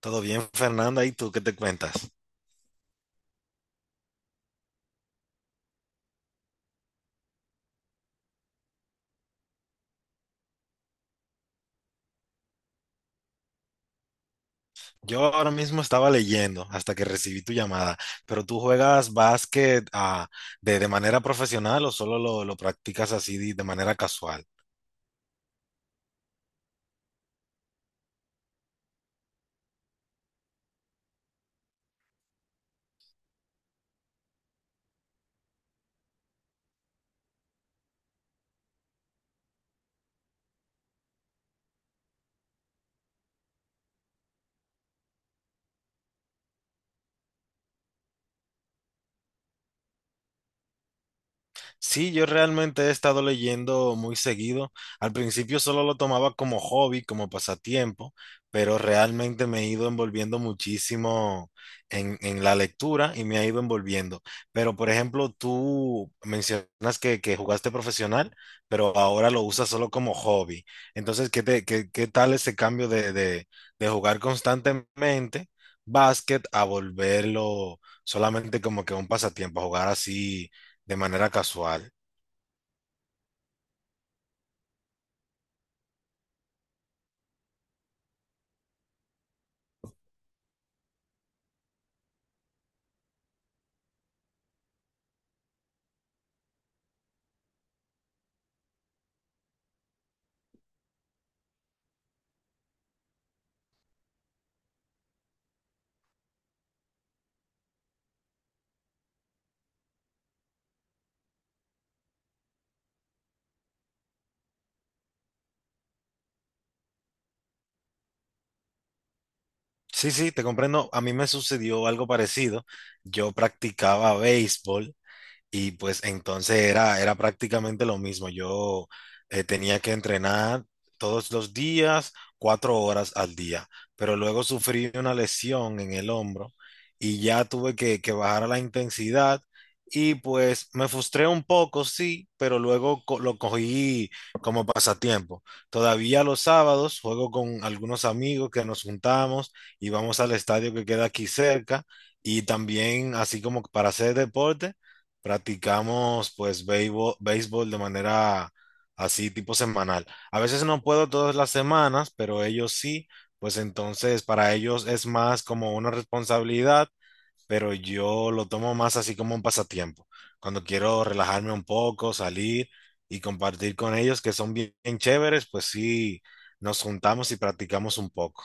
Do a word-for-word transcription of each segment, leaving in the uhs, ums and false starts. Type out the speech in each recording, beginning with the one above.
Todo bien, Fernanda, ¿y tú qué te cuentas? Yo ahora mismo estaba leyendo hasta que recibí tu llamada, pero ¿tú juegas básquet ah, de, de manera profesional o solo lo, lo practicas así de de manera casual? Sí, yo realmente he estado leyendo muy seguido. Al principio solo lo tomaba como hobby, como pasatiempo, pero realmente me he ido envolviendo muchísimo en, en la lectura y me ha ido envolviendo. Pero, por ejemplo, tú mencionas que, que jugaste profesional, pero ahora lo usas solo como hobby. Entonces, ¿qué te, qué, qué tal ese cambio de, de, de jugar constantemente básquet a volverlo solamente como que un pasatiempo, a jugar así? De manera casual. Sí, sí, te comprendo. A mí me sucedió algo parecido. Yo practicaba béisbol. Y pues entonces era, era prácticamente lo mismo. Yo eh, tenía que entrenar todos los días, cuatro horas al día, pero luego sufrí una lesión en el hombro y ya tuve que, que bajar la intensidad y pues me frustré un poco, sí, pero luego co- lo cogí como pasatiempo. Todavía los sábados juego con algunos amigos que nos juntamos y vamos al estadio que queda aquí cerca y también así como para hacer deporte. Practicamos pues béisbol, béisbol de manera así tipo semanal. A veces no puedo todas las semanas, pero ellos sí, pues entonces para ellos es más como una responsabilidad, pero yo lo tomo más así como un pasatiempo. Cuando quiero relajarme un poco, salir y compartir con ellos que son bien, bien chéveres, pues sí, nos juntamos y practicamos un poco.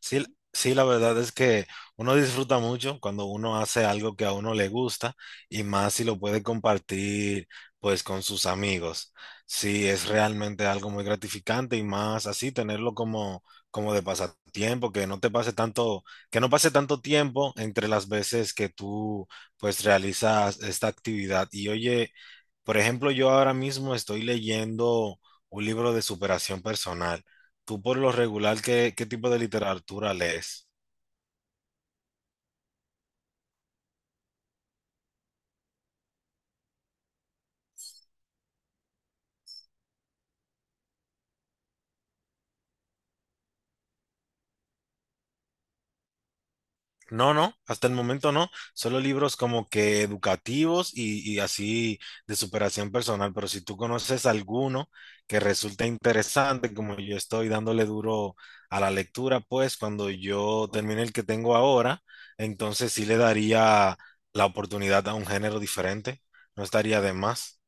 Sí, sí, la verdad es que uno disfruta mucho cuando uno hace algo que a uno le gusta y más si lo puede compartir pues con sus amigos. Sí, es realmente algo muy gratificante y más así tenerlo como como de pasatiempo, que no te pase tanto, que no pase tanto tiempo entre las veces que tú pues realizas esta actividad. Y oye, por ejemplo, yo ahora mismo estoy leyendo un libro de superación personal. ¿Tú por lo regular qué, qué tipo de literatura lees? No, no, hasta el momento no. Solo libros como que educativos y, y así de superación personal. Pero si tú conoces alguno que resulte interesante, como yo estoy dándole duro a la lectura, pues cuando yo termine el que tengo ahora, entonces sí le daría la oportunidad a un género diferente. No estaría de más.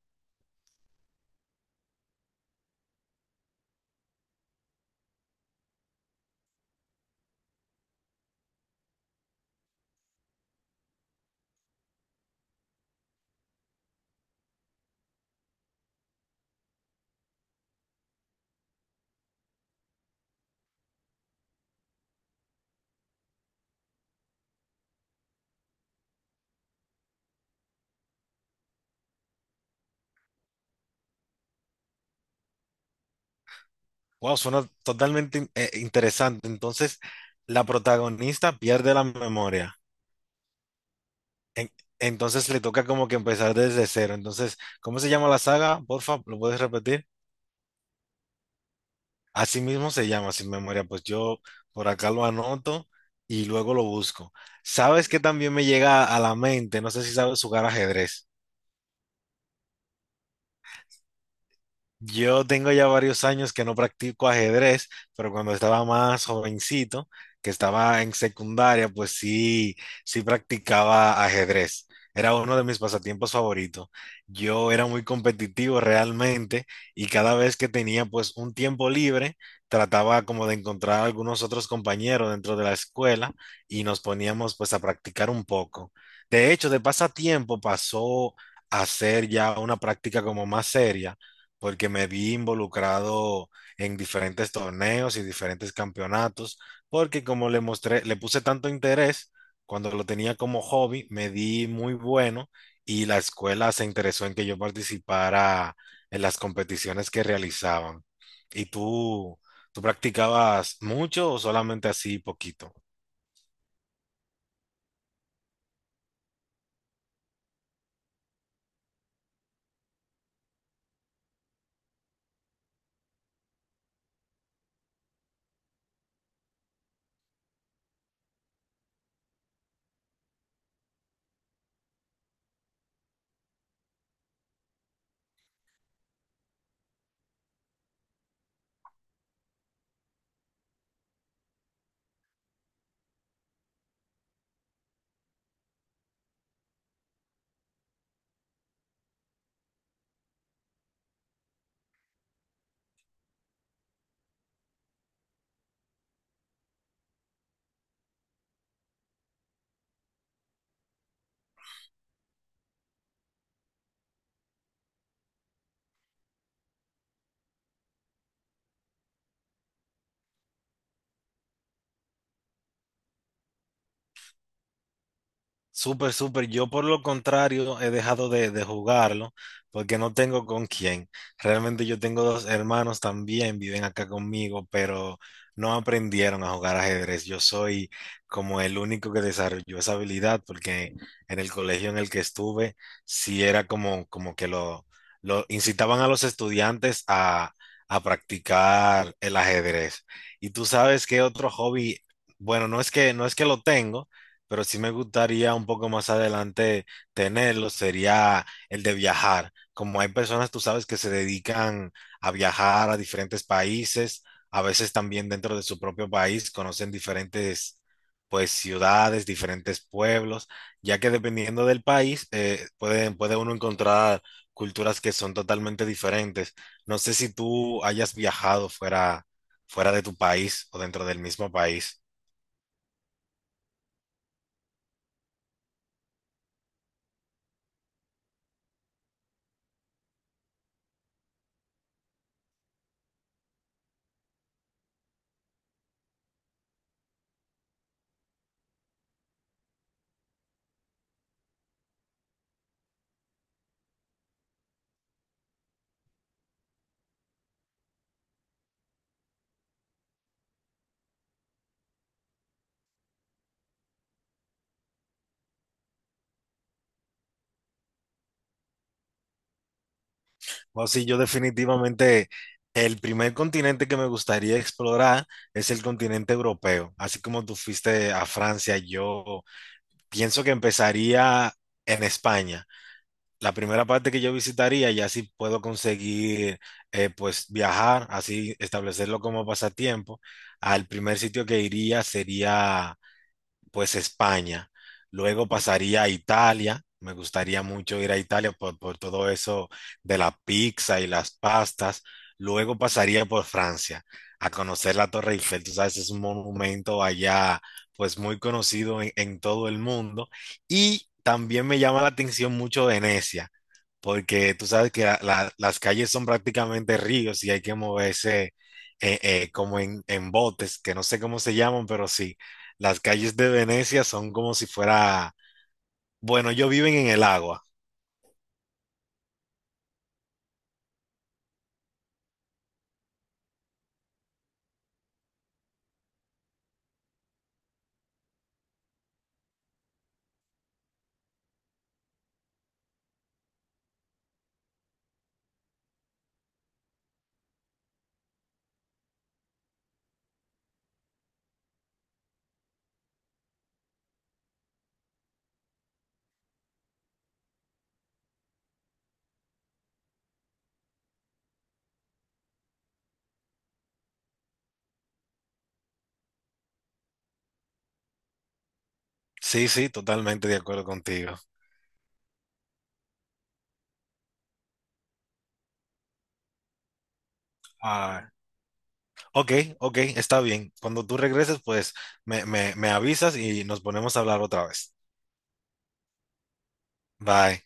Wow, suena totalmente in- eh, interesante. Entonces, la protagonista pierde la memoria. En- entonces le toca como que empezar desde cero. Entonces, ¿cómo se llama la saga? Porfa, ¿lo puedes repetir? Así mismo se llama, Sin Memoria. Pues yo por acá lo anoto y luego lo busco. ¿Sabes qué también me llega a la mente? No sé si sabes jugar ajedrez. Yo tengo ya varios años que no practico ajedrez, pero cuando estaba más jovencito, que estaba en secundaria, pues sí, sí practicaba ajedrez. Era uno de mis pasatiempos favoritos. Yo era muy competitivo realmente y cada vez que tenía pues un tiempo libre, trataba como de encontrar algunos otros compañeros dentro de la escuela y nos poníamos pues a practicar un poco. De hecho, de pasatiempo pasó a ser ya una práctica como más seria porque me vi involucrado en diferentes torneos y diferentes campeonatos, porque como le mostré, le puse tanto interés, cuando lo tenía como hobby, me di muy bueno y la escuela se interesó en que yo participara en las competiciones que realizaban. ¿Y tú, tú practicabas mucho o solamente así poquito? Súper, súper. Yo por lo contrario he dejado de, de jugarlo porque no tengo con quién. Realmente yo tengo dos hermanos también, viven acá conmigo, pero no aprendieron a jugar ajedrez. Yo soy como el único que desarrolló esa habilidad porque en el colegio en el que estuve sí era como, como que lo, lo incitaban a los estudiantes a, a practicar el ajedrez. Y tú sabes qué otro hobby, bueno, no es que, no es que lo tengo pero sí me gustaría un poco más adelante tenerlo, sería el de viajar. Como hay personas, tú sabes, que se dedican a viajar a diferentes países, a veces también dentro de su propio país conocen diferentes, pues, ciudades, diferentes pueblos, ya que dependiendo del país, eh, puede, puede uno encontrar culturas que son totalmente diferentes. No sé si tú hayas viajado fuera, fuera de tu país o dentro del mismo país. O sí, yo definitivamente el primer continente que me gustaría explorar es el continente europeo. Así como tú fuiste a Francia, yo pienso que empezaría en España. La primera parte que yo visitaría, y así puedo conseguir, eh, pues viajar, así establecerlo como pasatiempo. Al primer sitio que iría sería pues España. Luego pasaría a Italia. Me gustaría mucho ir a Italia por, por todo eso de la pizza y las pastas. Luego pasaría por Francia a conocer la Torre Eiffel. Tú sabes, es un monumento allá, pues muy conocido en, en todo el mundo. Y también me llama la atención mucho Venecia, porque tú sabes que la- la- las calles son prácticamente ríos y hay que moverse eh, eh, como en, en botes, que no sé cómo se llaman, pero sí. Las calles de Venecia son como si fuera, bueno, ellos viven en el agua. Sí, sí, totalmente de acuerdo contigo. Ah, ok, ok, está bien. Cuando tú regreses, pues me, me, me avisas y nos ponemos a hablar otra vez. Bye.